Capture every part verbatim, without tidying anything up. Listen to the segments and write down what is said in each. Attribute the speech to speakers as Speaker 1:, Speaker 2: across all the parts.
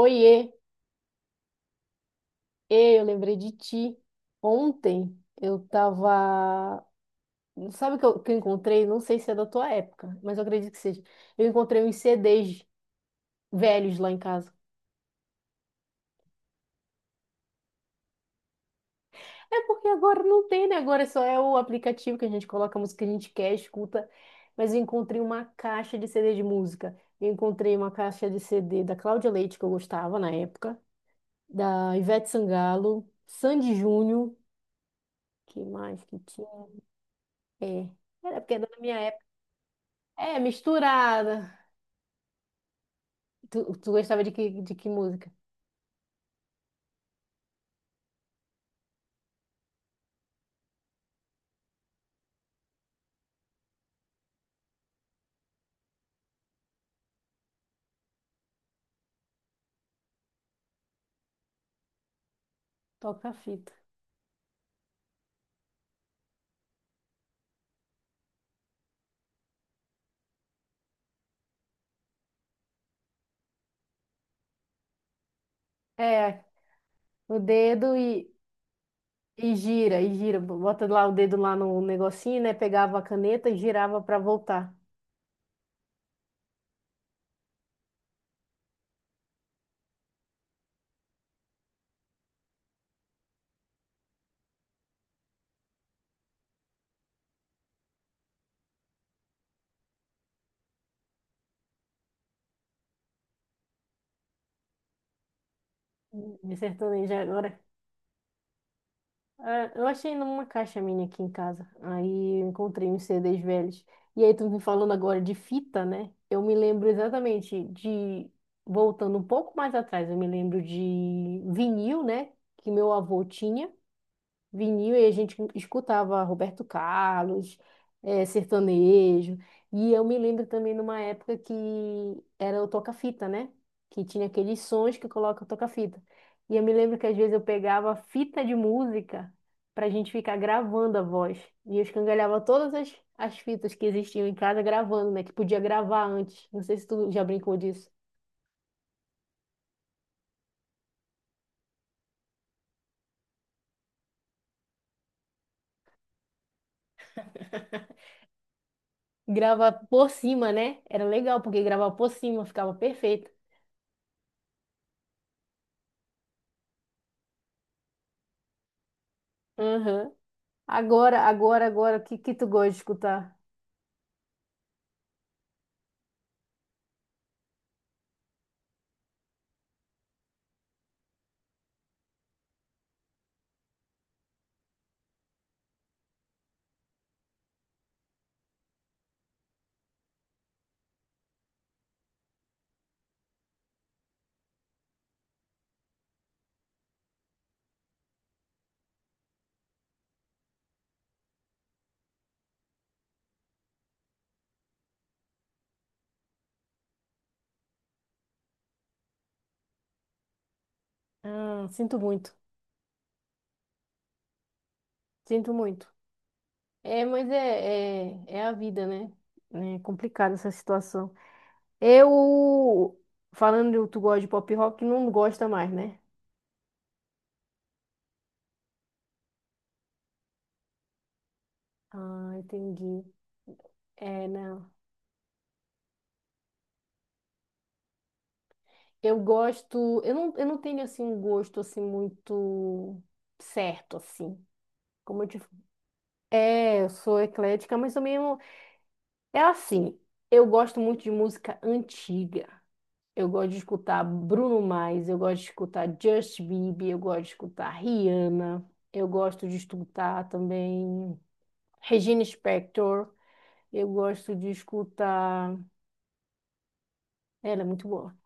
Speaker 1: Oiê, ê, eu lembrei de ti. Ontem eu tava. Sabe o que eu, que eu encontrei? Não sei se é da tua época, mas eu acredito que seja. Eu encontrei uns C Ds velhos lá em casa. É porque agora não tem, né? Agora é só é o aplicativo que a gente coloca a música que a gente quer, escuta. Mas eu encontrei uma caixa de C D de música. Eu encontrei uma caixa de C D da Cláudia Leite, que eu gostava na época, da Ivete Sangalo, Sandy Júnior, que mais que tinha? É. Era porque era da minha época. É, misturada. Tu, tu gostava de que, de que música? Toca a fita. É, o dedo e, e gira, e gira. Bota lá o dedo lá no negocinho, né? Pegava a caneta e girava pra voltar. Me sertaneja agora. Ah, eu achei numa caixa minha aqui em casa. Aí eu encontrei uns C Ds velhos. E aí tu me falando agora de fita, né? Eu me lembro exatamente de... Voltando um pouco mais atrás, eu me lembro de vinil, né? Que meu avô tinha. Vinil e a gente escutava Roberto Carlos, eh, sertanejo. E eu me lembro também numa época que era o toca-fita, né? Que tinha aqueles sons que coloca o toca-fita. E eu me lembro que às vezes eu pegava fita de música para a gente ficar gravando a voz. E eu escangalhava todas as, as fitas que existiam em casa gravando, né? Que podia gravar antes. Não sei se tu já brincou disso. Gravar por cima, né? Era legal, porque gravar por cima ficava perfeito. Aham. Agora, agora, agora, o que, que tu gosta de escutar? Ah, sinto muito, sinto muito. É, mas é, é, é a vida, né? É complicada essa situação. Eu, falando que tu gosta de pop rock, não gosta mais, né? Ah, entendi. É, não. Eu gosto, eu não, eu não tenho assim um gosto assim muito certo assim. Como eu te... É, eu sou eclética, mas também eu, é assim. Eu gosto muito de música antiga. Eu gosto de escutar Bruno Mars, eu gosto de escutar Justin Bieber, eu gosto de escutar Rihanna, eu gosto de escutar também Regina Spektor, eu gosto de escutar. Ela é muito boa.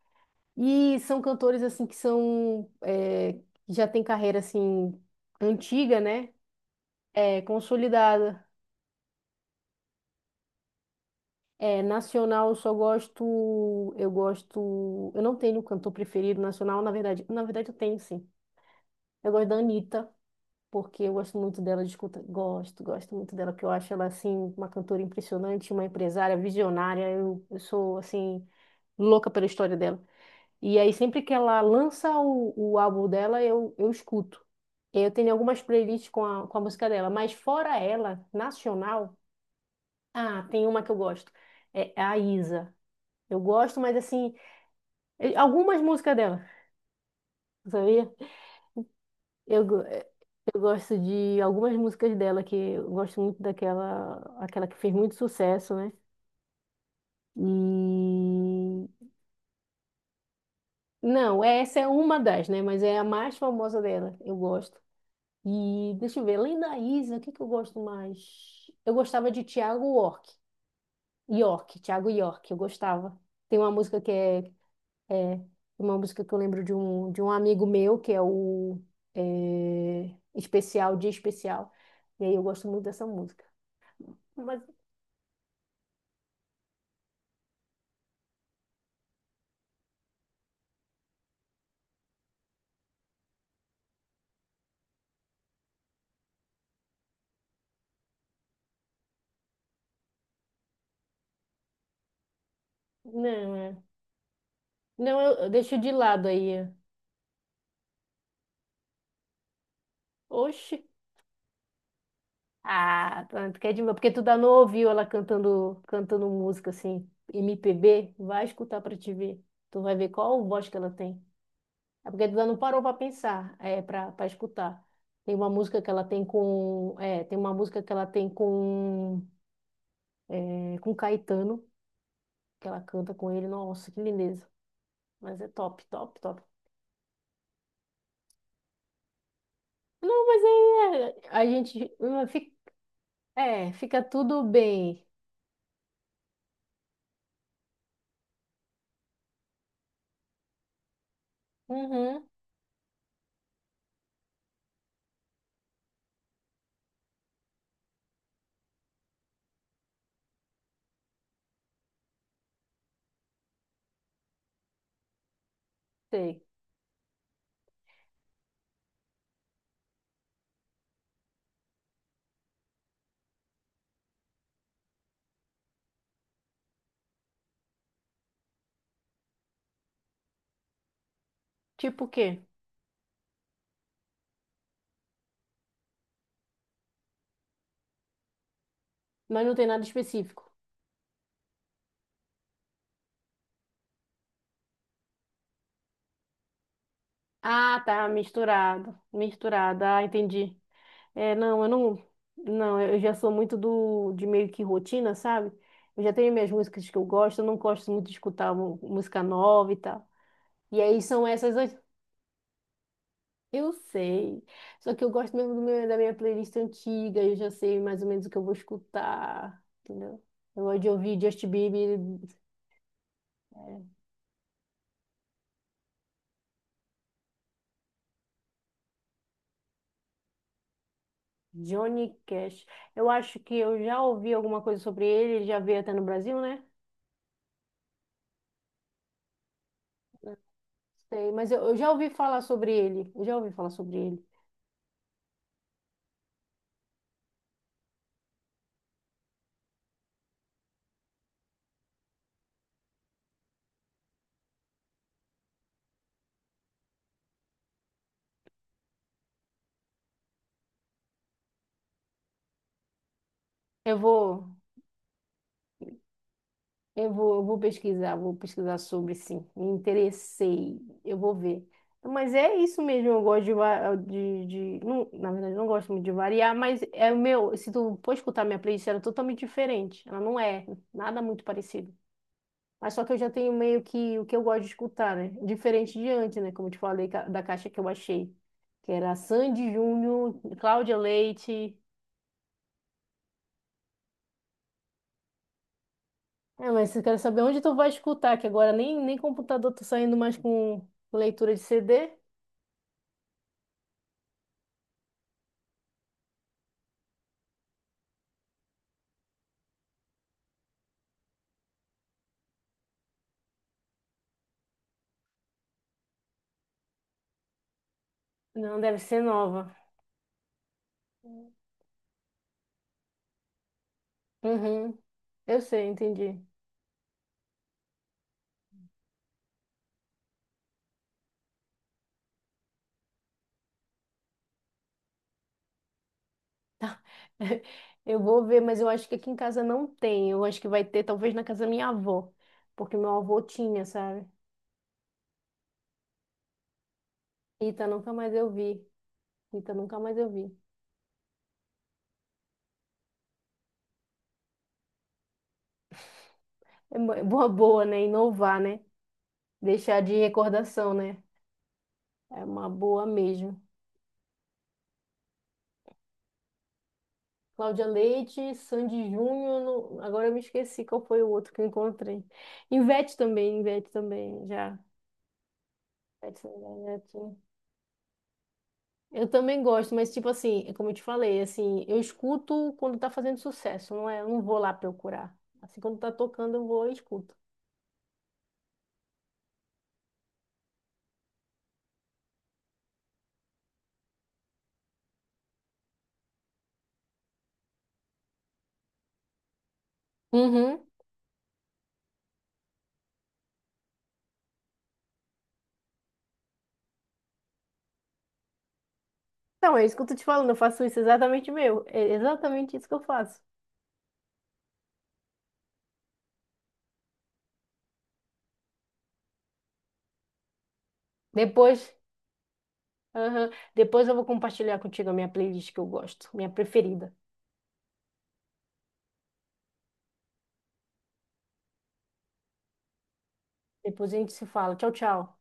Speaker 1: E são cantores assim que são é, que já tem carreira assim antiga, né? É, consolidada. É, nacional eu só gosto, eu gosto, eu não tenho cantor preferido nacional, na verdade, na verdade eu tenho sim. Eu gosto da Anitta, porque eu gosto muito dela, de escuta, gosto, gosto muito dela, porque eu acho ela, assim, uma cantora impressionante, uma empresária visionária, eu, eu sou, assim, louca pela história dela. E aí, sempre que ela lança o, o álbum dela, eu, eu escuto. Eu tenho algumas playlists com a, com a música dela, mas fora ela, nacional, ah, tem uma que eu gosto, é a Isa. Eu gosto, mas assim, eu- algumas músicas dela, sabia? Eu, go- Eu gosto de algumas músicas dela, que eu gosto muito daquela, aquela que fez muito sucesso, né? E não, essa é uma das, né? Mas é a mais famosa dela, eu gosto. E deixa eu ver, além da Isa, o que que eu gosto mais? Eu gostava de Thiago York, York, Thiago York, eu gostava. Tem uma música que é, é uma música que eu lembro de um, de um amigo meu, que é o é, Especial, Dia Especial. E aí eu gosto muito dessa música. Mas não, é. Não, eu, eu deixo de lado aí. Oxi. Ah, tá, tu quer demais. Porque tu dá não ouviu ela cantando, cantando música assim, M P B, vai escutar pra te ver. Tu vai ver qual voz que ela tem. É porque tu dá não parou pra pensar, é, pra, pra escutar. Tem uma música que ela tem com. É, tem uma música que ela tem com. É, com Caetano, que ela canta com ele. Nossa, que lindeza. Mas é top, top, top. Não, mas aí é, a gente. hum, fica- É, fica tudo bem. Uhum, sei. Tipo o quê? Mas não tem nada específico. Ah, tá, misturado. Misturado, ah, entendi. É, não, eu não. Não, eu já sou muito do, de meio que rotina, sabe? Eu já tenho minhas músicas que eu gosto, eu não gosto muito de escutar mu- música nova e tal. E aí são essas. as- Eu sei. Só que eu gosto mesmo do meu, da minha playlist antiga, eu já sei mais ou menos o que eu vou escutar, entendeu? Eu gosto de ouvir Justin Bieber. É, Johnny Cash. Eu acho que eu já ouvi alguma coisa sobre ele, ele já veio até no Brasil, né? Sei, mas eu, eu já ouvi falar sobre ele. Eu já ouvi falar sobre ele. Eu vou, eu vou, eu vou pesquisar, vou pesquisar sobre sim. Me interessei, eu vou ver. Mas é isso mesmo, eu gosto de, va- de, de- não, na verdade, eu não gosto muito de variar, mas é o meu, se tu for escutar minha playlist, ela é totalmente diferente. Ela não é nada muito parecido. Mas só que eu já tenho meio que o que eu gosto de escutar, né? Diferente de antes, né? Como eu te falei ca- da caixa que eu achei. Que era Sandy Júnior, Cláudia Leite. É, mas eu quero saber onde tu vai escutar, que agora nem, nem computador tá saindo mais com leitura de C D. Não, deve ser nova. Uhum, eu sei, entendi. Eu vou ver, mas eu acho que aqui em casa não tem. Eu acho que vai ter, talvez, na casa da minha avó. Porque meu avô tinha, sabe? Rita, nunca mais eu vi. Rita, nunca mais eu vi. É uma boa, boa, né? Inovar, né? Deixar de recordação, né? É uma boa mesmo. Cláudia Leite, Sandy Júnior, não- agora eu me esqueci qual foi o outro que eu encontrei. Ivete também, Ivete também, já. Ivete Sangalo, Ivete. Eu também gosto, mas tipo assim, é como eu te falei, assim, eu escuto quando tá fazendo sucesso, não é? Eu não vou lá procurar. Assim, quando tá tocando, eu vou e escuto. Uhum. Então, é isso que eu tô te falando, eu faço isso exatamente meu. É exatamente isso que eu faço. Depois. Aham. Depois eu vou compartilhar contigo a minha playlist que eu gosto, minha preferida. Depois a gente se fala. Tchau, tchau.